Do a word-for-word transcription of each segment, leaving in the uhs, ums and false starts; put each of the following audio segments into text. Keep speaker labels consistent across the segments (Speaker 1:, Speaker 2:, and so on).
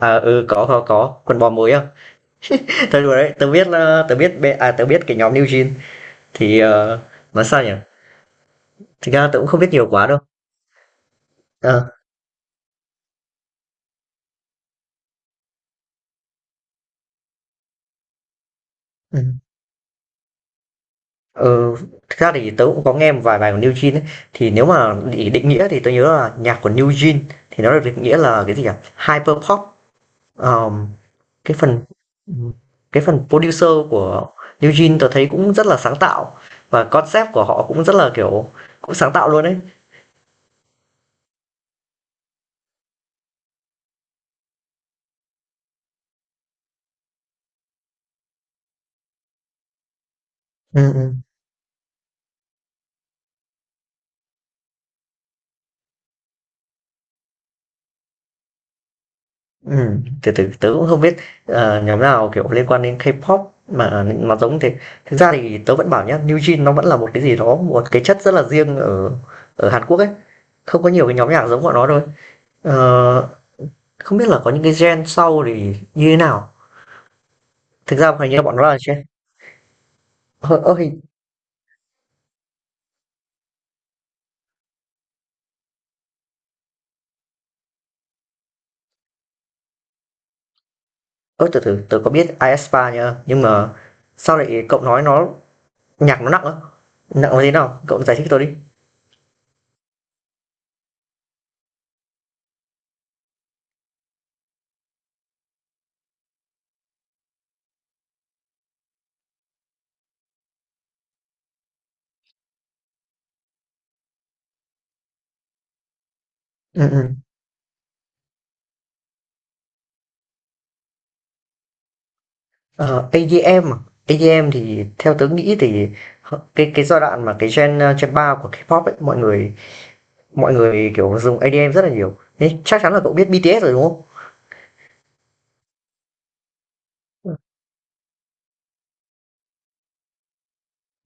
Speaker 1: À, ừ, có, có, có, quần bò mới à? Thôi đùa đấy, tớ biết là tớ biết bê- à tớ biết cái nhóm New Jeans thì ờ, nói sao nhỉ? Thực ra tớ cũng không biết nhiều quá đâu. Ờ, ừ. Ờ, thực ra thì tớ cũng có nghe một vài bài của New Jeans ấy. Thì nếu mà để định nghĩa thì tớ nhớ là nhạc của New Jeans thì nó được định nghĩa là cái gì nhỉ? Hyper pop. Ờm, cái phần cái phần producer của New Jeans tớ thấy cũng rất là sáng tạo và concept của họ cũng rất là kiểu cũng sáng tạo luôn đấy. Ừ, ừ. ừ tớ từ tớ cũng không biết, ờ, nhóm nào, kiểu, liên quan đến K-pop mà mà giống thế. Thực ra thì tớ vẫn bảo nhá, New Jeans nó vẫn là một cái gì đó, một cái chất rất là riêng ở ở Hàn Quốc ấy, không có nhiều cái nhóm nhạc giống bọn nó thôi. Ờ, Không biết là có những cái gen sau thì như thế nào? Thực ra hình như bọn nó là gen. ơ, ơ, hình ơ, Từ từ, tớ có biết aespa nha, nhưng mà sao lại cậu nói nó nhạc nó nặng á? Nặng là thế nào? Cậu giải thích tôi đi. Ừm, ừm. Ờ, e đê em à? e đê em thì theo tớ nghĩ thì h- cái cái giai đoạn mà cái gen ờ, gen ba của K-pop ấy mọi người mọi người kiểu dùng e đê em rất là nhiều. Thế chắc chắn là cậu biết bi ti ét rồi đúng không?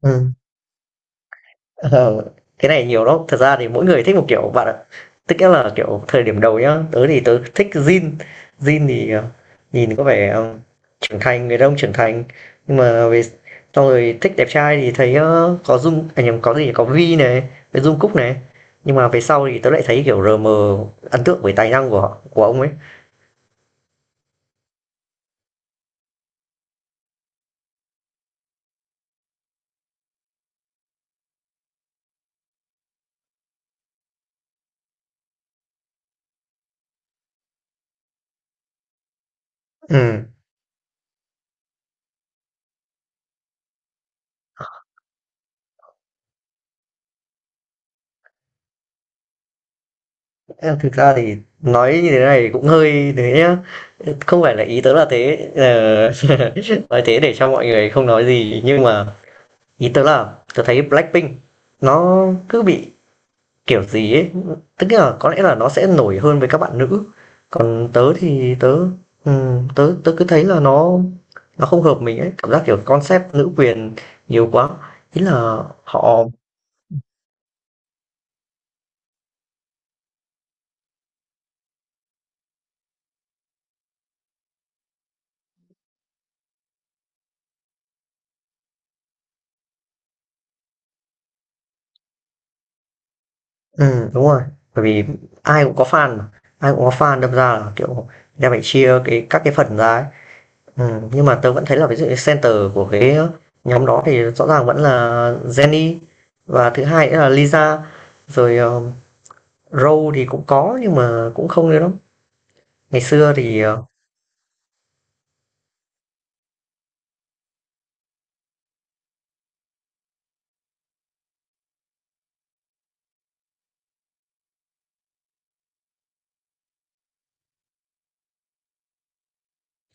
Speaker 1: Ừ. Ờ, cái này nhiều lắm, thật ra thì mỗi người thích một kiểu bạn ạ. Tức nghĩa là, kiểu, thời điểm đầu nhá, tớ thì tớ thích jean, jean thì, ờ, nhìn có vẻ, ờ, trưởng thành, người đàn ông trưởng thành, nhưng mà về xong rồi thích đẹp trai thì thấy, ơ, có dung à, nhầm, có gì nhỉ, có vi này, với Dung cúc này. Nhưng mà về sau thì tớ lại thấy, kiểu, a em ấn tượng với tài năng của họ của ông ấy. Ừm. Ờ, Thực ra thì nói như thế này cũng hơi thế nhá. Không phải là ý tớ là thế, ờ, nói thế để cho mọi người không nói gì, nhưng mà ý tớ là tớ thấy Blackpink nó cứ bị kiểu gì ấy, tức là có lẽ là nó sẽ nổi hơn với các bạn nữ. Còn tớ thì tớ ừm, tớ tớ cứ thấy là nó nó không hợp mình ấy, cảm giác kiểu concept nữ quyền nhiều quá. Ý là họ. Ừ đúng rồi, bởi vì ai cũng có fan mà, ai cũng có fan đâm ra là, kiểu, đem phải chia cái các cái phần ra ấy. Ừm, nhưng mà tớ vẫn thấy là ví dụ như center của cái nhóm đó thì rõ ràng vẫn là Jennie và thứ hai nữa là Lisa, rồi, ờ, Rose thì cũng có nhưng mà cũng không nhiều lắm. Ngày xưa thì, ờ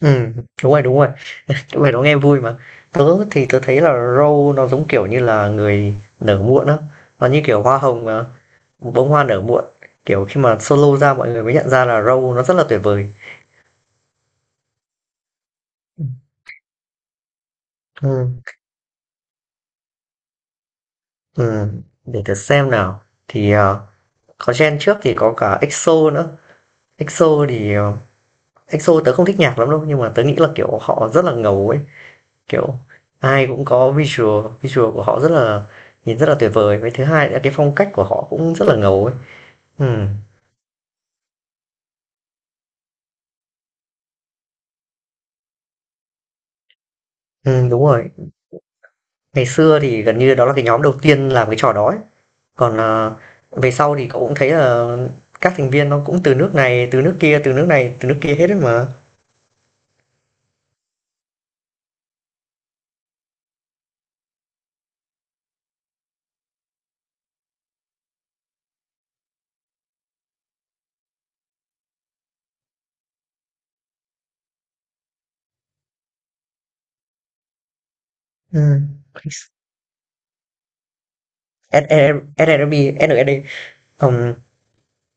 Speaker 1: ừm, đúng rồi, đúng rồi, những bài đó nghe vui mà. Tớ thì tớ thấy là Rose nó giống, kiểu như là, người nở muộn á, nó như kiểu hoa hồng mà. Bông hoa nở muộn kiểu khi mà solo ra mọi người mới nhận ra là Row nó rất là tuyệt vời. Ừ. Ừ. Để thử xem nào thì ờ, có gen trước thì có cả EXO nữa. EXO thì ờ, EXO tớ không thích nhạc lắm đâu nhưng mà tớ nghĩ là kiểu họ rất là ngầu ấy kiểu ai cũng có visual visual của họ rất là nhìn rất là tuyệt vời với thứ hai là cái phong cách của họ cũng rất là ngầu ấy. Ừ. Ừ đúng rồi, ngày xưa thì gần như đó là cái nhóm đầu tiên làm cái trò đó ấy. Còn, ờ, về sau thì cậu cũng thấy là các thành viên nó cũng từ nước này, từ nước kia, từ nước này, từ nước kia hết ấy mà. Ừm. SE SNMP, SNSD, ừm,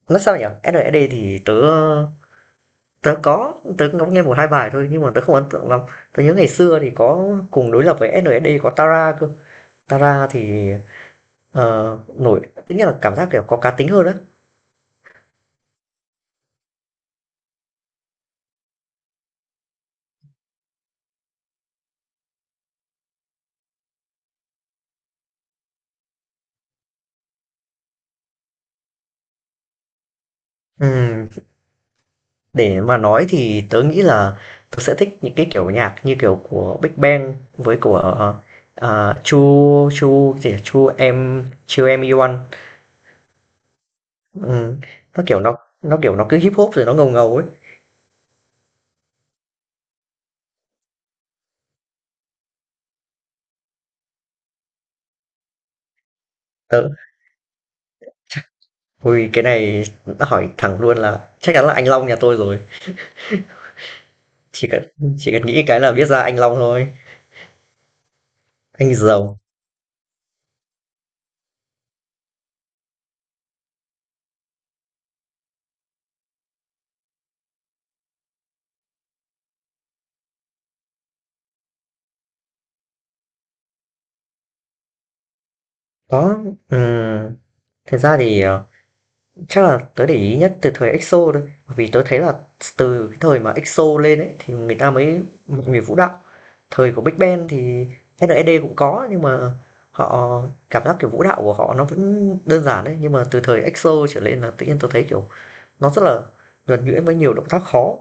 Speaker 1: nói sao nhỉ? ét en ét đê thì tớ tớ có, tớ ngẫm nghe một hai bài thôi nhưng mà tớ không ấn tượng lắm. Tớ nhớ ngày xưa thì có cùng đối lập với ét en ét đê có Tara cơ. Tara thì, ờ, nổi tức nghĩa là cảm giác, kiểu, có cá tính hơn á. Ừm. Để mà nói thì tớ nghĩ là tớ sẽ thích những cái kiểu nhạc như kiểu của Big Bang với của, ờ, Chu Chu gì Chu Em Chu Em Iwan. Ừm, nó, kiểu, nó nó, kiểu, nó cứ Hip Hop rồi nó ngầu ngầu ấy. Tớ ôi, cái này đã hỏi thẳng luôn là chắc chắn là anh Long nhà tôi rồi, chỉ cần chỉ cần nghĩ cái là biết ra anh Long thôi, anh Giàu. Đó, ừm, thật ra thì, ờ Chắc là tớ để ý nhất từ thời EXO thôi, bởi vì tớ thấy là từ cái thời mà EXO lên ấy thì người ta mới một người vũ đạo. Thời của Big Bang thì ét en ét đê cũng có nhưng mà họ cảm giác kiểu vũ đạo của họ nó vẫn đơn giản đấy, nhưng mà từ thời EXO trở lên là tự nhiên tớ thấy kiểu nó rất là nhuần nhuyễn với nhiều động tác khó.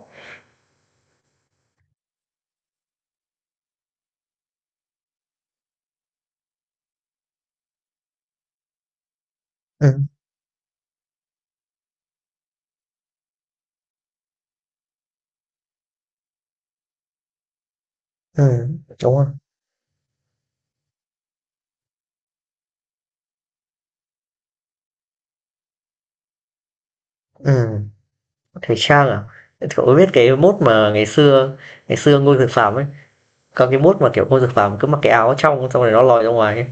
Speaker 1: Ừ, ừ, đúng rồi. Ừ, thời trang à? Cậu có biết cái mốt mà ngày xưa ngày xưa Ngô Dược Phạm ấy, có cái mốt mà kiểu Ngô Dược Phạm cứ mặc cái áo trong xong rồi nó lòi ra ngoài ấy.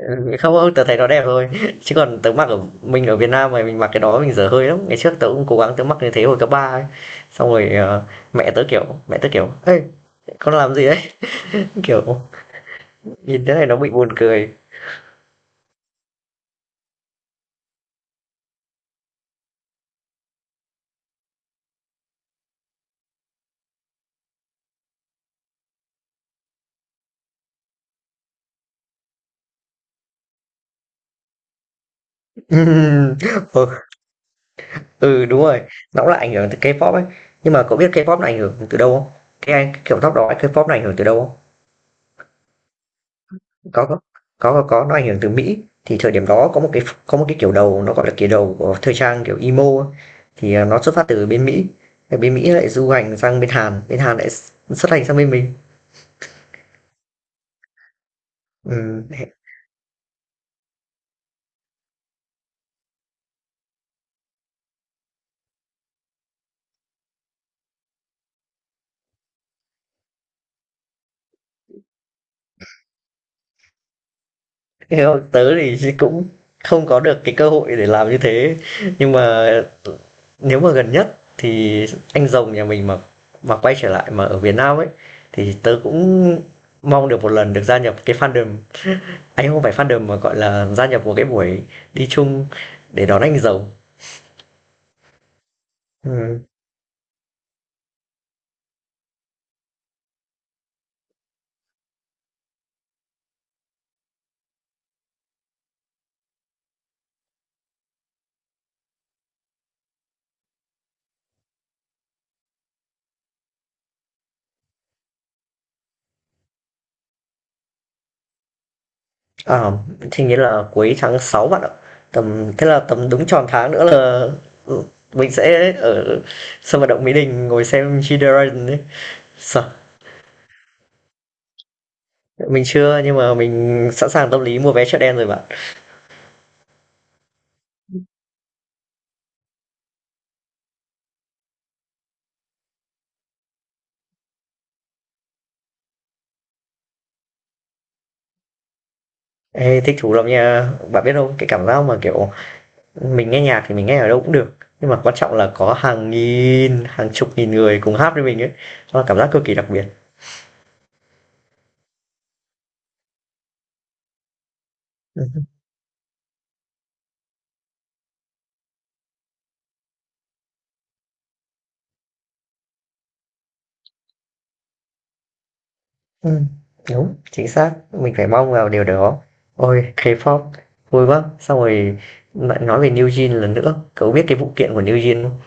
Speaker 1: Ừ, không không, tớ thấy nó đẹp thôi. Chứ còn tớ mặc ở mình ở Việt Nam mà mình mặc cái đó mình dở hơi lắm. Ngày trước tớ cũng cố gắng tớ mặc như thế hồi cấp ba ấy, xong rồi ờ, mẹ tớ kiểu mẹ tớ kiểu ê con làm gì đấy. Kiểu nhìn thế này nó bị buồn cười. Ừ, ừ đúng rồi, nó cũng là ảnh hưởng từ K-pop ấy. Nhưng mà cậu biết K-pop là ảnh hưởng từ đâu không? Cái anh kiểu tóc đó K-pop là ảnh hưởng từ đâu không? Có, có. Có, có, nó ảnh hưởng từ Mỹ. Thì thời điểm đó có một cái có một cái kiểu đầu nó, gọi là, kiểu đầu của thời trang kiểu emo á, thì, à, nó xuất phát từ bên Mỹ, thì bên Mỹ lại du hành sang bên Hàn, bên Hàn lại xuất hành sang bên mình. Ừm, Thế còn tớ thì cũng không có được cái cơ hội để làm như thế, nhưng mà nếu mà gần nhất thì anh rồng nhà mình mà mà quay trở lại mà ở Việt Nam ấy, thì tớ cũng mong được một lần được gia nhập cái fandom. Anh không phải fandom mà gọi là gia nhập một cái buổi đi chung để đón anh giàu. Ừ. À, thì nghĩa là cuối tháng sáu bạn ạ. Tầm thế là tầm đúng tròn tháng nữa là, ừ, mình sẽ ở sân vận động Mỹ Đình ngồi xem Chideren đấy. Sợ. Mình chưa nhưng mà mình sẵn sàng tâm lý mua vé chợ đen rồi bạn. Ê, thích thú lắm nha. Bạn biết không, cái cảm giác mà kiểu mình nghe nhạc thì mình nghe ở đâu cũng được. Nhưng mà quan trọng là có hàng nghìn, hàng chục nghìn người cùng hát với mình ấy. Đó là cảm giác cực kỳ đặc biệt. Ừm, đúng, chính xác, mình phải mong vào điều đó. Ôi, K-pop vui quá! Xong rồi lại nói về New Jeans lần nữa, cậu biết cái vụ kiện của New Jeans không?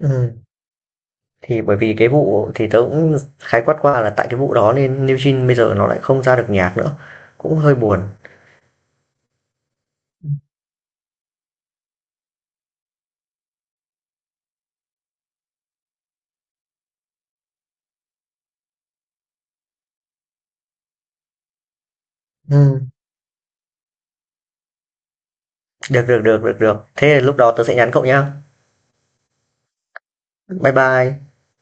Speaker 1: Ừm, thì bởi vì cái vụ thì tớ cũng khái quát qua là tại cái vụ đó nên New Jeans bây giờ nó lại không ra được nhạc nữa, cũng hơi buồn. Ừm, được, được, được, được, được. Thế lúc đó tớ sẽ nhắn cậu nhá. Bye bye.